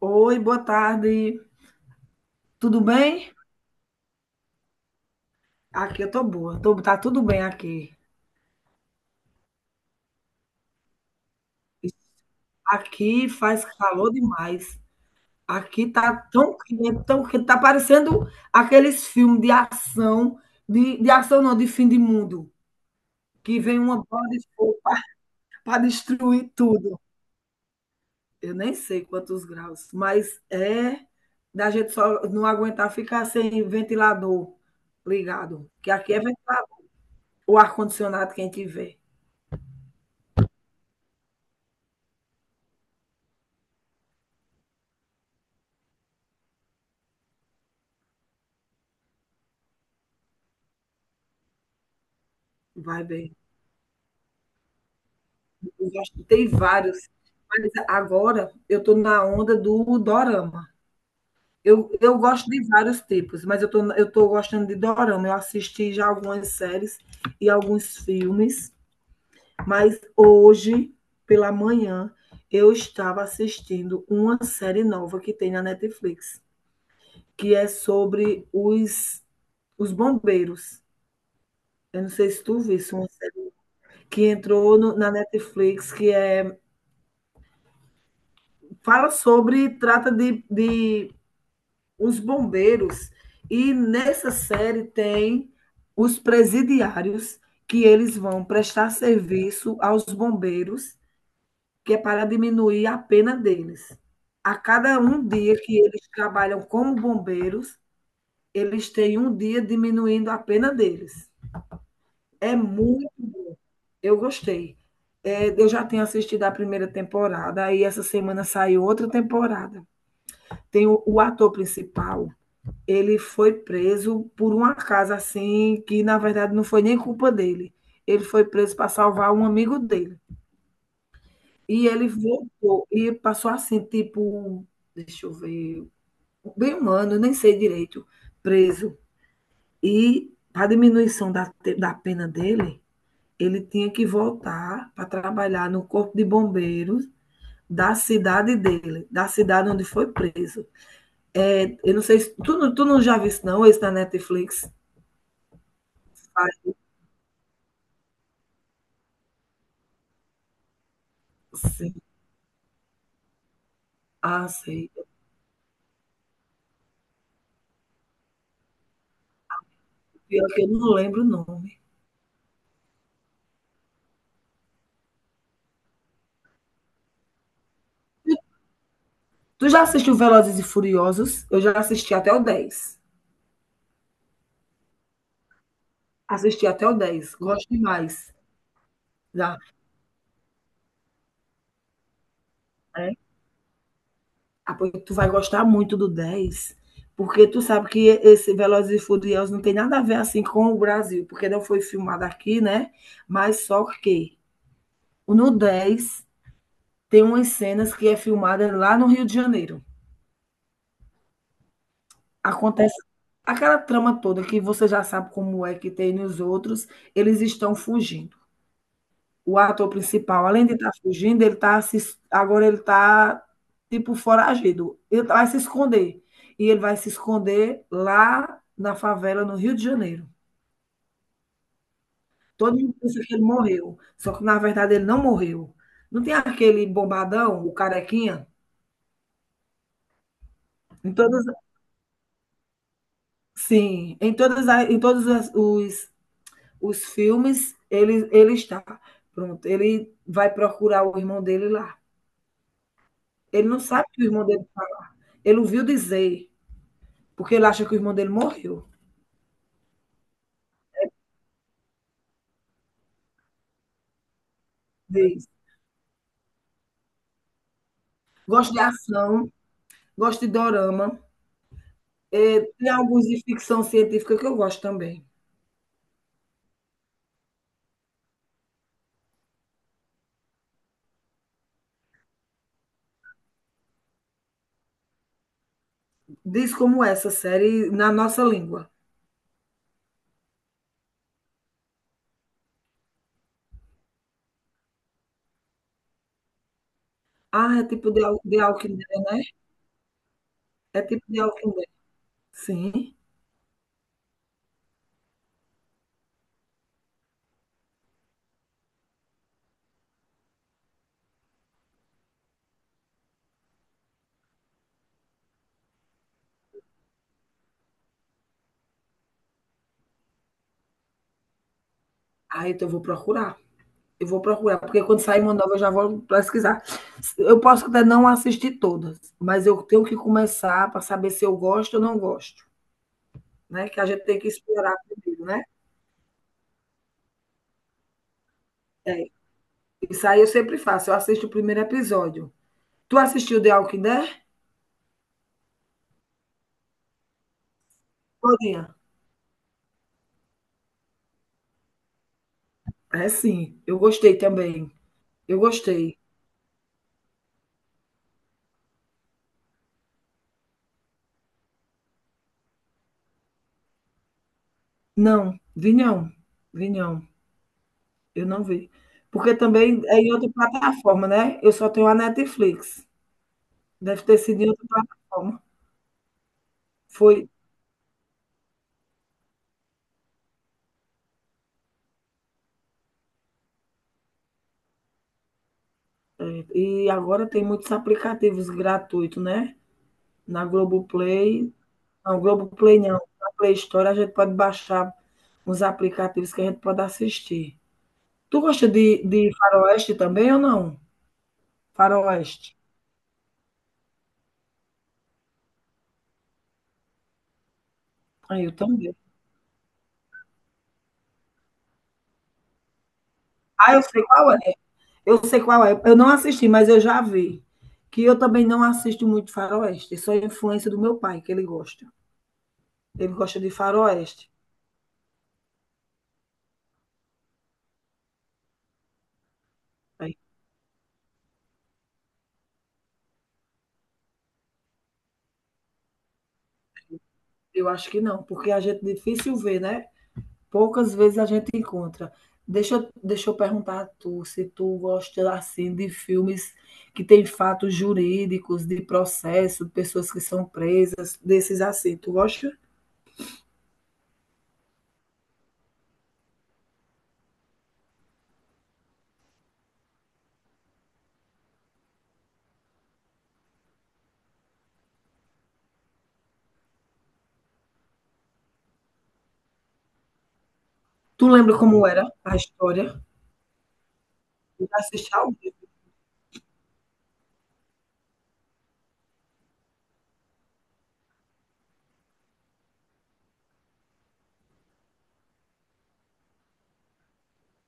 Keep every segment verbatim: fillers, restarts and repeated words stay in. Oi, boa tarde. Tudo bem? Aqui eu tô boa. Tô, tá tudo bem aqui. Aqui faz calor demais. Aqui tá tão quente, tão quente. Tá parecendo aqueles filmes de ação, de, de ação não, de fim de mundo, que vem uma bola de fogo para destruir tudo. Eu nem sei quantos graus, mas é da gente só não aguentar ficar sem ventilador ligado. Que aqui é ventilador. O ar-condicionado, quem tiver, vai bem. Eu já escutei vários, mas agora eu estou na onda do dorama. Eu, eu gosto de vários tipos, mas eu tô, eu tô gostando de dorama. Eu assisti já algumas séries e alguns filmes, mas hoje, pela manhã, eu estava assistindo uma série nova que tem na Netflix, que é sobre os, os bombeiros. Eu não sei se tu viste uma série que entrou no- na Netflix, que é, fala sobre, trata de, de os bombeiros, e nessa série tem os presidiários, que eles vão prestar serviço aos bombeiros, que é para diminuir a pena deles. A cada um dia que eles trabalham como bombeiros, eles têm um dia diminuindo a pena deles. É muito. Eu gostei. É, eu já tenho assistido a primeira temporada, aí essa semana saiu outra temporada. Tem o, o ator principal. Ele foi preso por um acaso assim, que na verdade não foi nem culpa dele. Ele foi preso para salvar um amigo dele. E ele voltou e passou assim, tipo, deixa eu ver, bem um ano, nem sei direito, preso. E para diminuição da, te- da pena dele, ele tinha que voltar para trabalhar no corpo de bombeiros da cidade dele, da cidade onde foi preso. É, eu não sei se tu, não- tu não já viu não, esse na Netflix. Faz- assim. Ah, sei. Pior que eu não lembro o nome. Tu já assistiu Velozes e Furiosos? Eu já assisti até o dez. Assisti até o dez. Gosto demais. Já, né? Ah, pois tu vai gostar muito do dez, porque tu sabe que esse Velozes e Furiosos não tem nada a ver assim com o Brasil, porque não foi filmado aqui, né? Mas só que no dez tem umas cenas que é filmada lá no Rio de Janeiro. Acontece aquela trama toda que você já sabe como é que tem nos outros, eles estão fugindo. O ator principal, além de estar fugindo, ele tá se, agora ele está tipo foragido. Ele vai se esconder. E ele vai se esconder lá na favela no Rio de Janeiro. Todo mundo pensa que ele morreu, só que na verdade ele não morreu. Não tem aquele bombadão, o carequinha? Em todas, sim, em todas, a- em todos as- os, os filmes ele, ele está. Pronto, ele vai procurar o irmão dele lá. Ele não sabe que o irmão dele, ele ouviu dizer. Porque ele acha que o irmão dele morreu. Diz. Gosto de ação, gosto de dorama. É, tem alguns de ficção científica que eu gosto também. Diz como essa série na nossa língua. Ah, é tipo de, Al- de Alckmin, né? É tipo de Alckmin. Sim. Ah, então eu vou procurar. Eu vou procurar, porque quando sair uma nova eu já vou pesquisar. Eu posso até não assistir todas, mas eu tenho que começar para saber se eu gosto ou não gosto, né? Que a gente tem que explorar primeiro, né? É. Isso aí eu sempre faço, eu assisto o primeiro episódio. Tu assistiu The Walking Dead? Todinha. É sim, eu gostei também. Eu gostei. Não, vi não. Vi não. Eu não vi. Porque também é em outra plataforma, né? Eu só tenho a Netflix. Deve ter sido em outra plataforma. Foi. É. E agora tem muitos aplicativos gratuitos, né? Na Globoplay. Não, Globoplay não. Na Play Store a gente pode baixar uns aplicativos que a gente pode assistir. Tu gosta de, de faroeste também ou não? Faroeste. Aí eu também. Ah, eu sei qual é. Eu sei qual é. Eu não assisti, mas eu já vi. Que eu também não assisto muito faroeste. Isso é influência do meu pai, que ele gosta. Ele gosta de faroeste. Aí, eu acho que não, porque a gente é difícil ver, né? Poucas vezes a gente encontra. Deixa, eu- deixa eu perguntar a tu se tu gosta assim de filmes que tem fatos jurídicos, de processo, pessoas que são presas, desses assim. Tu gosta? Tu lembra como era a história? Eu já assisti ao vivo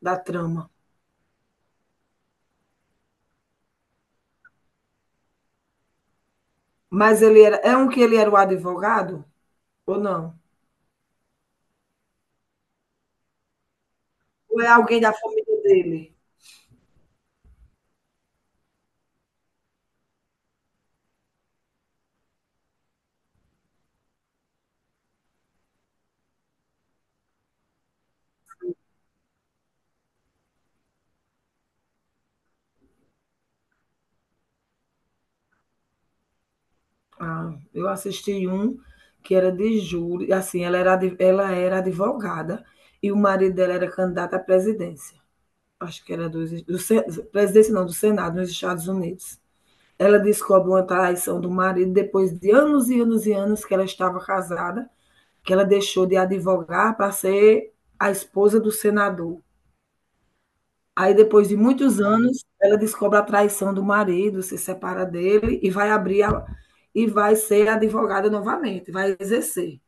da trama. Mas ele era. É um que ele era o advogado? Ou não? Ou é alguém da família dele? Ah, eu assisti um que era de júri. Assim, ela era, adv- ela era advogada e o marido dela era candidato à presidência. Acho que era dos, do, Sen- presidência, não, do Senado, nos Estados Unidos. Ela descobre uma traição do marido depois de anos e anos e anos que ela estava casada, que ela deixou de advogar para ser a esposa do senador. Aí, depois de muitos anos, ela descobre a traição do marido, se separa dele e vai abrir a, e vai ser advogada novamente, vai exercer.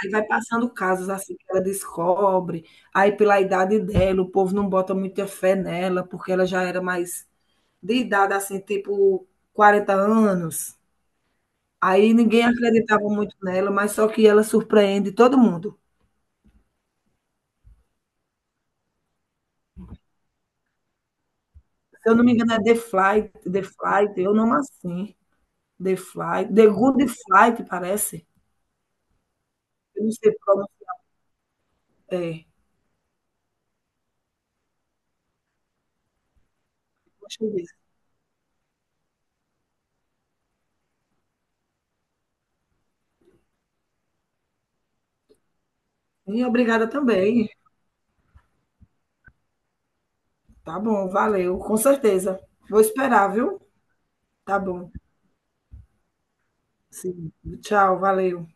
Aí vai passando casos assim que ela descobre. Aí, pela idade dela, o povo não bota muita fé nela, porque ela já era mais de idade, assim, tipo quarenta anos. Aí ninguém acreditava muito nela, mas só que ela surpreende todo mundo. Se eu não me engano, é The Flight, The Flight, eu não assim. The Flight, The Good Flight, parece. Eu não sei como é. Deixa eu ver. E obrigada também. Tá bom, valeu, com certeza. Vou esperar, viu? Tá bom. Sim. Tchau, valeu.